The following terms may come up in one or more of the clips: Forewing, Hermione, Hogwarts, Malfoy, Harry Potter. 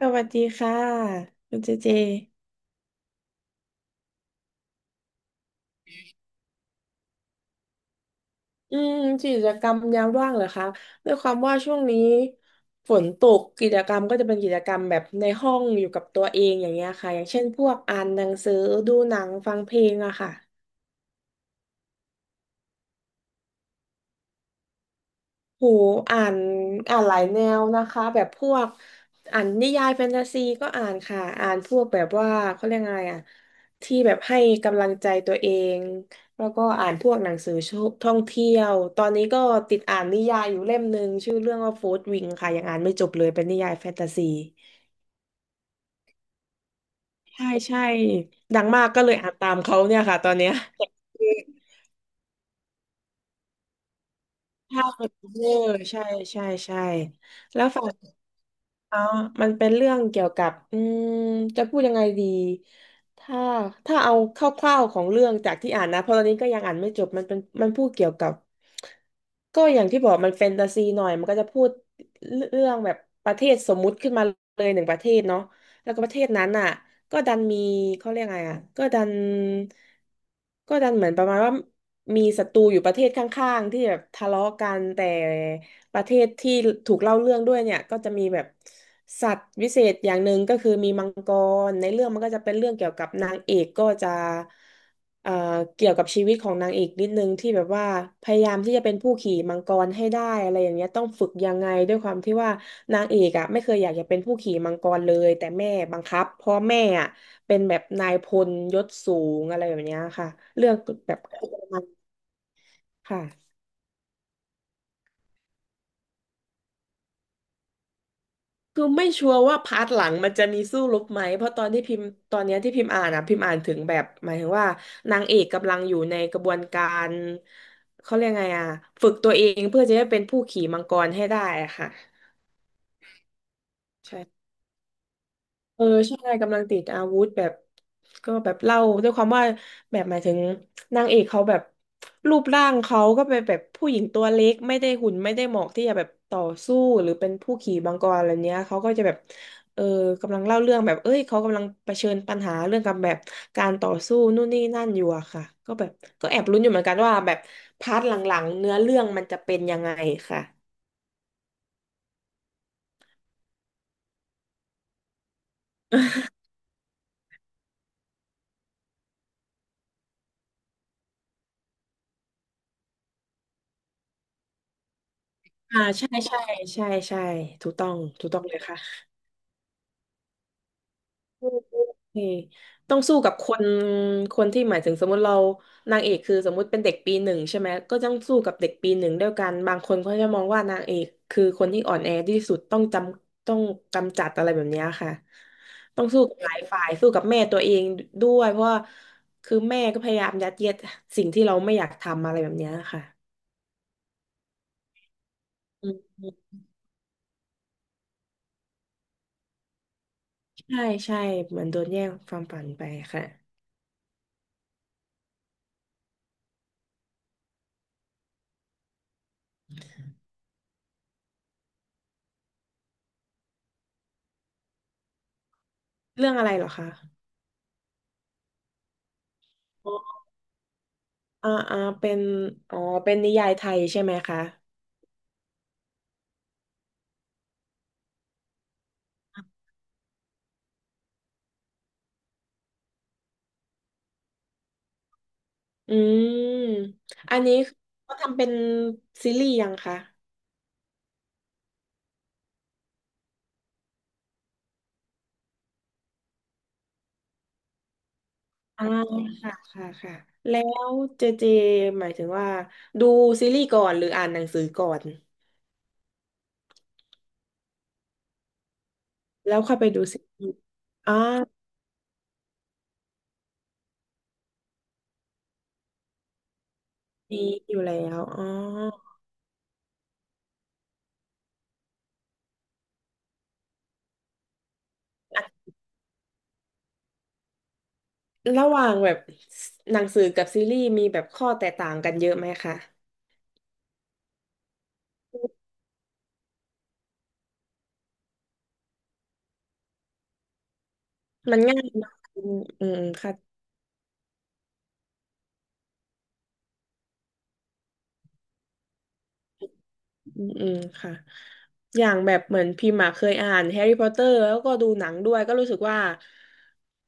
สวัสดีค่ะคุณเจเจอืมกิจกรรมยามว่างเหรอคะด้วยความว่าช่วงนี้ฝนตกกิจกรรมก็จะเป็นกิจกรรมแบบในห้องอยู่กับตัวเองอย่างเงี้ยค่ะอย่างเช่นพวกอ่านหนังสือดูหนังฟังเพลงอะค่ะ โหอ่านอ่านหลายแนวนะคะแบบพวกอ่านนิยายแฟนตาซีก็อ่านค่ะอ่านพวกแบบว่าเขาเรียกไงอ่ะที่แบบให้กำลังใจตัวเองแล้วก็อ่านพวกหนังสือท่องเที่ยวตอนนี้ก็ติดอ่านนิยายอยู่เล่มหนึ่งชื่อเรื่องว่าโฟร์วิงค่ะยังอ่านไม่จบเลยเป็นนิยายแฟนตาซีใช่ใช่ดังมากก็เลยอ่านตามเขาเนี่ยค่ะตอนเนี้ย ใช่เออใช่ใช่ใช่แล้วฝั่ง อ๋อมันเป็นเรื่องเกี่ยวกับจะพูดยังไงดี ถ้าถ้าเอาคร่าวๆของเรื่องจากที่อ่านนะเพราะตอนนี้ก็ยังอ่านไม่จบมันเป็นมันพูดเกี่ยวกับ ก็อย่างที่บอกมันแฟนตาซีหน่อยมันก็จะพูดเรื่องแบบประเทศสมมุติขึ้นมาเลยหนึ่งประเทศเนาะแล้วก็ประเทศนั้นอ่ะก็ดันมีเขาเรียกไงอ่ะก็ดันเหมือนประมาณว่ามีศัตรูอยู่ประเทศข้างๆที่แบบทะเลาะกันแต่ ประเทศที่ถูกเล่าเรื่องด้วยเนี่ยก็จะมีแบบสัตว์วิเศษอย่างหนึ่งก็คือมีมังกรในเรื่องมันก็จะเป็นเรื่องเกี่ยวกับนางเอกก็จะเอ่อเกี่ยวกับชีวิตของนางเอกนิดนึงที่แบบว่าพยายามที่จะเป็นผู้ขี่มังกรให้ได้อะไรอย่างเงี้ยต้องฝึกยังไงด้วยความที่ว่านางเอกอ่ะไม่เคยอยากจะเป็นผู้ขี่มังกรเลยแต่แม่บังคับเพราะแม่อ่ะเป็นแบบนายพลยศสูงอะไรแบบเนี้ยค่ะเรื่องแบบ ประมาณค่ะ คือไม่ชัวร์ว่าพาร์ทหลังมันจะมีสู้รบไหมเพราะตอนที่พิมพ์ตอนเนี้ยที่พิมพ์อ่านอะพิมพ์อ่านถึงแบบหมายถึงว่านางเอกกำลังอยู่ในกระบวนการเขาเรียกไงอะฝึกตัวเองเพื่อจะได้เป็นผู้ขี่มังกรให้ได้อะค่ะใช่ เออใช่กำลังติดอาวุธแบบก็แบบเล่าด้วยความว่าแบบหมายถึงนางเอกเขาแบบรูปร่างเขาก็เป็นแบบผู้หญิงตัวเล็กไม่ได้หุ่นไม่ได้เหมาะที่จะแบบต่อสู้หรือเป็นผู้ขี่มังกรอะไรเนี้ยเขาก็จะแบบเออกำลังเล่าเรื่องแบบเอ้ยเขากำลังเผชิญปัญหาเรื่องกับแบบการต่อสู้นู่นนี่นั่นอยู่อะค่ะก็แบบก็แอบลุ้นอยู่เหมือนกันว่าแบบพาร์ทหลังๆเนื้อเรื่องมันจะเป็นยังไงค่ะอ่าใช่ใช่ใช่ใช่ถูกต้องถูกต้องเลยค่ะ เออต้องสู้กับคนที่หมายถึงสมมติเรานางเอกคือสมมติเป็นเด็กปีหนึ่งใช่ไหมก็ต้องสู้กับเด็กปีหนึ่งด้วยกันบางคนเขาจะมองว่านางเอกคือคนที่อ่อนแอที่สุดต้องจำต้องกำจัดอะไรแบบเนี้ยค่ะต้องสู้กับหลายฝ่ายสู้กับแม่ตัวเองด้วยเพราะว่าคือแม่ก็พยายามยัดเยียดสิ่งที่เราไม่อยากทำอะไรแบบเนี้ยค่ะอืมใช่ใช่เหมือนโดนแย่งความฝันไปค่ะเรื่องอะไรเหรอคะอ๋ออ่าอ่าเป็นอ๋อเป็นนิยายไทยใช่ไหมคะ อืม อันนี้เขาทำเป็นซีรีส์ยังคะอ่าค่ะค่ะค่ะ แล้วเจเจหมายถึงว่าดูซีรีส์ก่อนหรืออ่านหนังสือก่อนแล้วค่อยไปดูซีรีส์อ่อมีอยู่แล้วอ๋ออ่ะระหว่างแบบหนังสือกับซีรีส์มีแบบข้อแตกต่างกันเยอะไหมคะมันง่ายเนอะอืมอืมค่ะ อืมอืมค่ะอย่างแบบเหมือนพิมพ์อะเคยอ่านแฮร์รี่พอตเตอร์แล้วก็ดูหนังด้วยก็รู้สึกว่า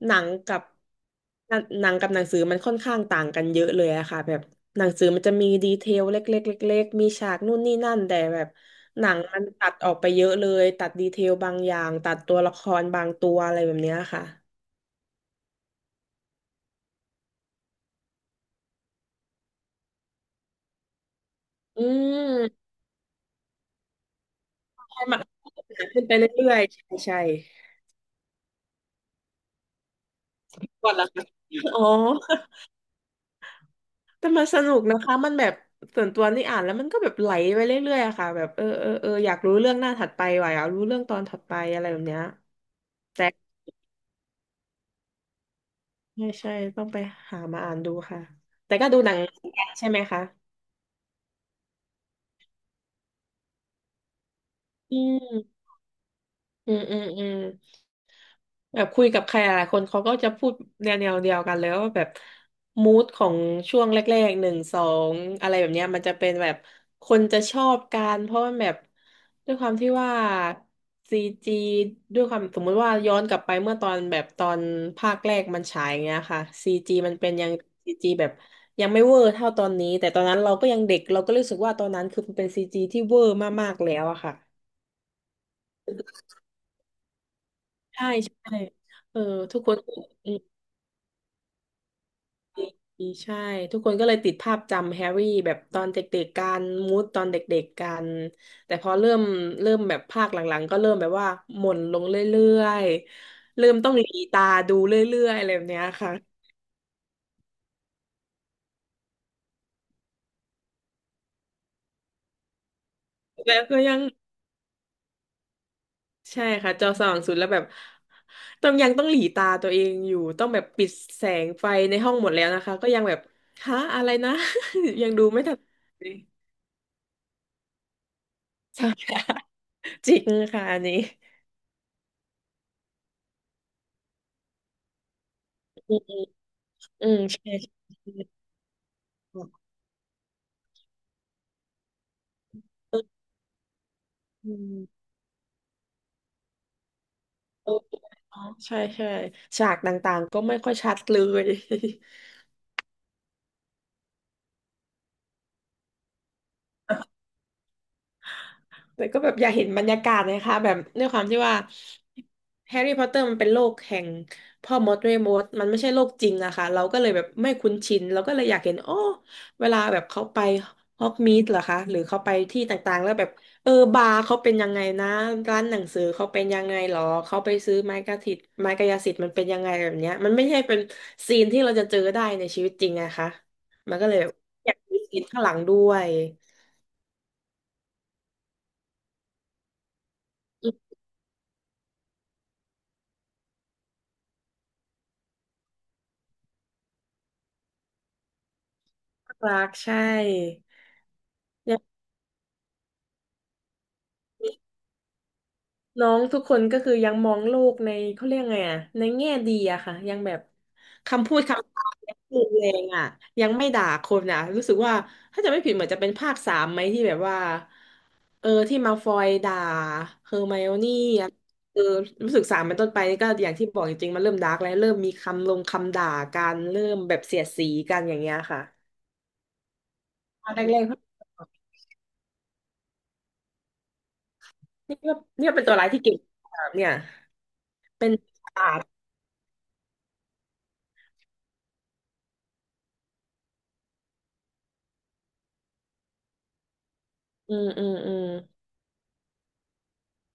หนังกับหนังสือมันค่อนข้างต่างกันเยอะเลยอะค่ะแบบหนังสือมันจะมีดีเทลเล็กๆเล็กๆมีฉากนู่นนี่นั่นแต่แบบหนังมันตัดออกไปเยอะเลยตัดดีเทลบางอย่างตัดตัวละครบางตัวอะไรแบบเนี้ยค่ะอืมใช่มันหนาขึ้นไปเรื่อยๆใช่ใช่ก่อนละค่ะ อ๋อ แต่มันสนุกนะคะมันแบบส่วนตัวนี่อ่านแล้วมันก็แบบไหลไปเรื่อยๆอะค่ะแบบเออเออเอออยากรู้เรื่องหน้าถัดไปว่ะอยากรู้เรื่องตอนถัดไปอะไรแบบเนี้ยแต่ใช่ใช่ต้องไปหามาอ่านดูค่ะแต่ก็ดูหนังเหมือนกันใช่ไหมคะอืม อืมอืมอืมแบบคุยกับใครหลายคนเขาก็จะพูดแนวเดียวกันแล้วว่าแบบมูดของช่วงแรกๆหนึ่งสองอะไรแบบเนี้ยมันจะเป็นแบบคนจะชอบกันเพราะมันแบบด้วยความที่ว่าซีจีด้วยความสมมุติว่าย้อนกลับไปเมื่อตอนแบบตอนภาคแรกมันฉายอย่างเงี้ยค่ะซีจีมันเป็นยังซีจีแบบยังไม่เวอร์เท่าตอนนี้แต่ตอนนั้นเราก็ยังเด็กเราก็รู้สึกว่าตอนนั้นคือมันเป็นซีจีที่เวอร์มากๆแล้วอะค่ะ ใช่ใช่เออทุกคนอืมใช่ทุกคนก็เลยติดภาพจำแฮร์รี่แบบตอนเด็กๆกันมูดตอนเด็กๆกันแต่พอเริ่มแบบภาคหลังๆก็เริ่มแบบว่าหม่นลงเรื่อยๆเริ่มต้องหลีตาดูเรื่อยๆอะไรแบบเนี้ยค่ะแล้วก็ยังใช่ค่ะจอสว่างสุดแล้วแบบต้องยังต้องหลีตาตัวเองอยู่ต้องแบบปิดแสงไฟในห้องหมดแล้วนะคะก็ยังแบบฮะอะไรนะ ยังดูไม่ทัน ใช่ ค่ะจริงค่ะอันนี้อืมอืมใช่ใช่ใช่อืมโอเคเนอะใช่ใช่ฉากต่างๆก็ไม่ค่อยชัดเลย แต่ก็แบบอยากเห็นบรรยากาศนะคะแบบด้วยความที่ว่าแฮร์รี่พอตเตอร์มันเป็นโลกแห่งพ่อมดแม่มดมันไม่ใช่โลกจริงนะคะเราก็เลยแบบไม่คุ้นชินเราก็เลยอยากเห็นโอ้เวลาแบบเขาไปฮอกมีดเหรอคะหรือเขาไปที่ต่างๆแล้วแบบเออบาร์เขาเป็นยังไงนะร้านหนังสือเขาเป็นยังไงหรอเขาไปซื้อไม้กระถิตไม้กายสิทธิ์มันเป็นยังไงแบบเนี้ยมันไม่ใช่เป็นซีนที่เราจะเจอได้ในชีวิตจริงนะคะมันก็เลยแบบอยากมีซีนข้างหลังด้วยน่ารักใช่ น้องทุกคนก็คือยังมองโลกในเขาเรียกไงอะในแง่ดีอะค่ะยังแบบคำพูดคำจายังรุนแรงอะยังไม่ด่าคนอะรู้สึกว่าถ้าจะไม่ผิดเหมือนจะเป็นภาคสามไหมที่แบบว่าเออที่มาฟอยด่าเฮอร์ไมโอนี่อะเออรู้สึกสามเป็นต้นไปนี่ก็อย่างที่บอกจริงๆมันเริ่มดาร์กแล้วเริ่มมีคำลงคำด่ากันเริ่มแบบเสียดสีกันอย่างเงี้ยค่ะตอนแรกๆ นี่ก็เป็นตัวร้ายที่เก่งมากเนี่ยเป็น ศาสตร์อืมอืมอืม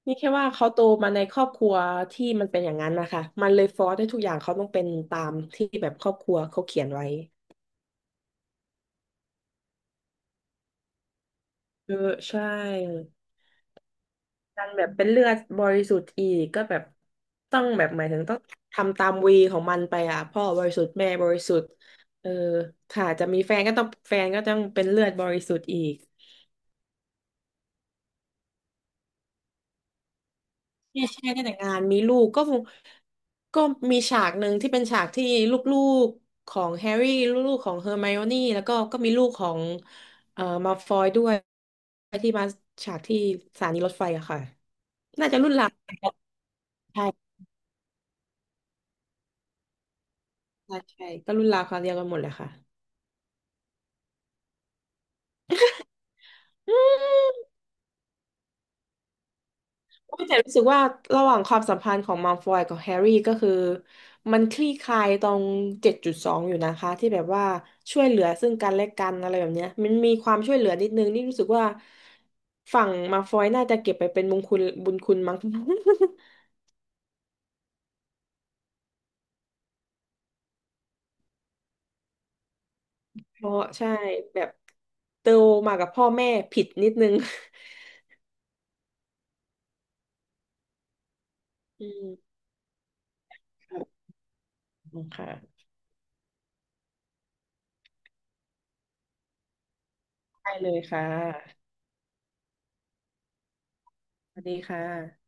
นี่แค่ว่าเขาโตมาในครอบครัวที่มันเป็นอย่างนั้นนะคะมันเลยฟอร์สให้ทุกอย่างเขาต้องเป็นตามที่แบบครอบครัวเขาเขียนไว้เออใช่ดันแบบเป็นเลือดบริสุทธิ์อีกก็แบบต้องแบบหมายถึงต้องทำตามวีของมันไปอ่ะพ่อบริสุทธิ์แม่บริสุทธิ์เออค่ะจะมีแฟนก็ต้องเป็นเลือดบริสุทธิ์อีก ใช่ใช่ได้แต่งงานมีลูกก็คงก็มีฉากหนึ่งที่เป็นฉากที่ลูกๆของแฮร์รี่ลูกๆของเฮอร์ไมโอนี่แล้วก็ก็มีลูกของมัลฟอยด้วยที่มาฉากที่สถานีรถไฟอะค่ะน่าจะรุ่นราวใช่ใช่ใช่ก็รุ่นราวคราวเดียวกันหมดเลยค่ะ แต่รู้สึกว่าระหว่างความสัมพันธ์ของมัลฟอยกับแฮร์รี่ก็คือมันคลี่คลายตรง7.2อยู่นะคะที่แบบว่าช่วยเหลือซึ่งกันและกันอะไรแบบเนี้ยมันมีความช่วยเหลือนิดนึงนี่รู้สึกว่าฝั่งมัลฟอยน่าจะเก็บไปเป็นบุญคุณบุญคุณมั้ง เพราะใช่แบบโตมากับพ่อแม่ผิดนิดนึง อืมครับขอบคุณค่ะได้เลยค่ะสวัสดีค่ะ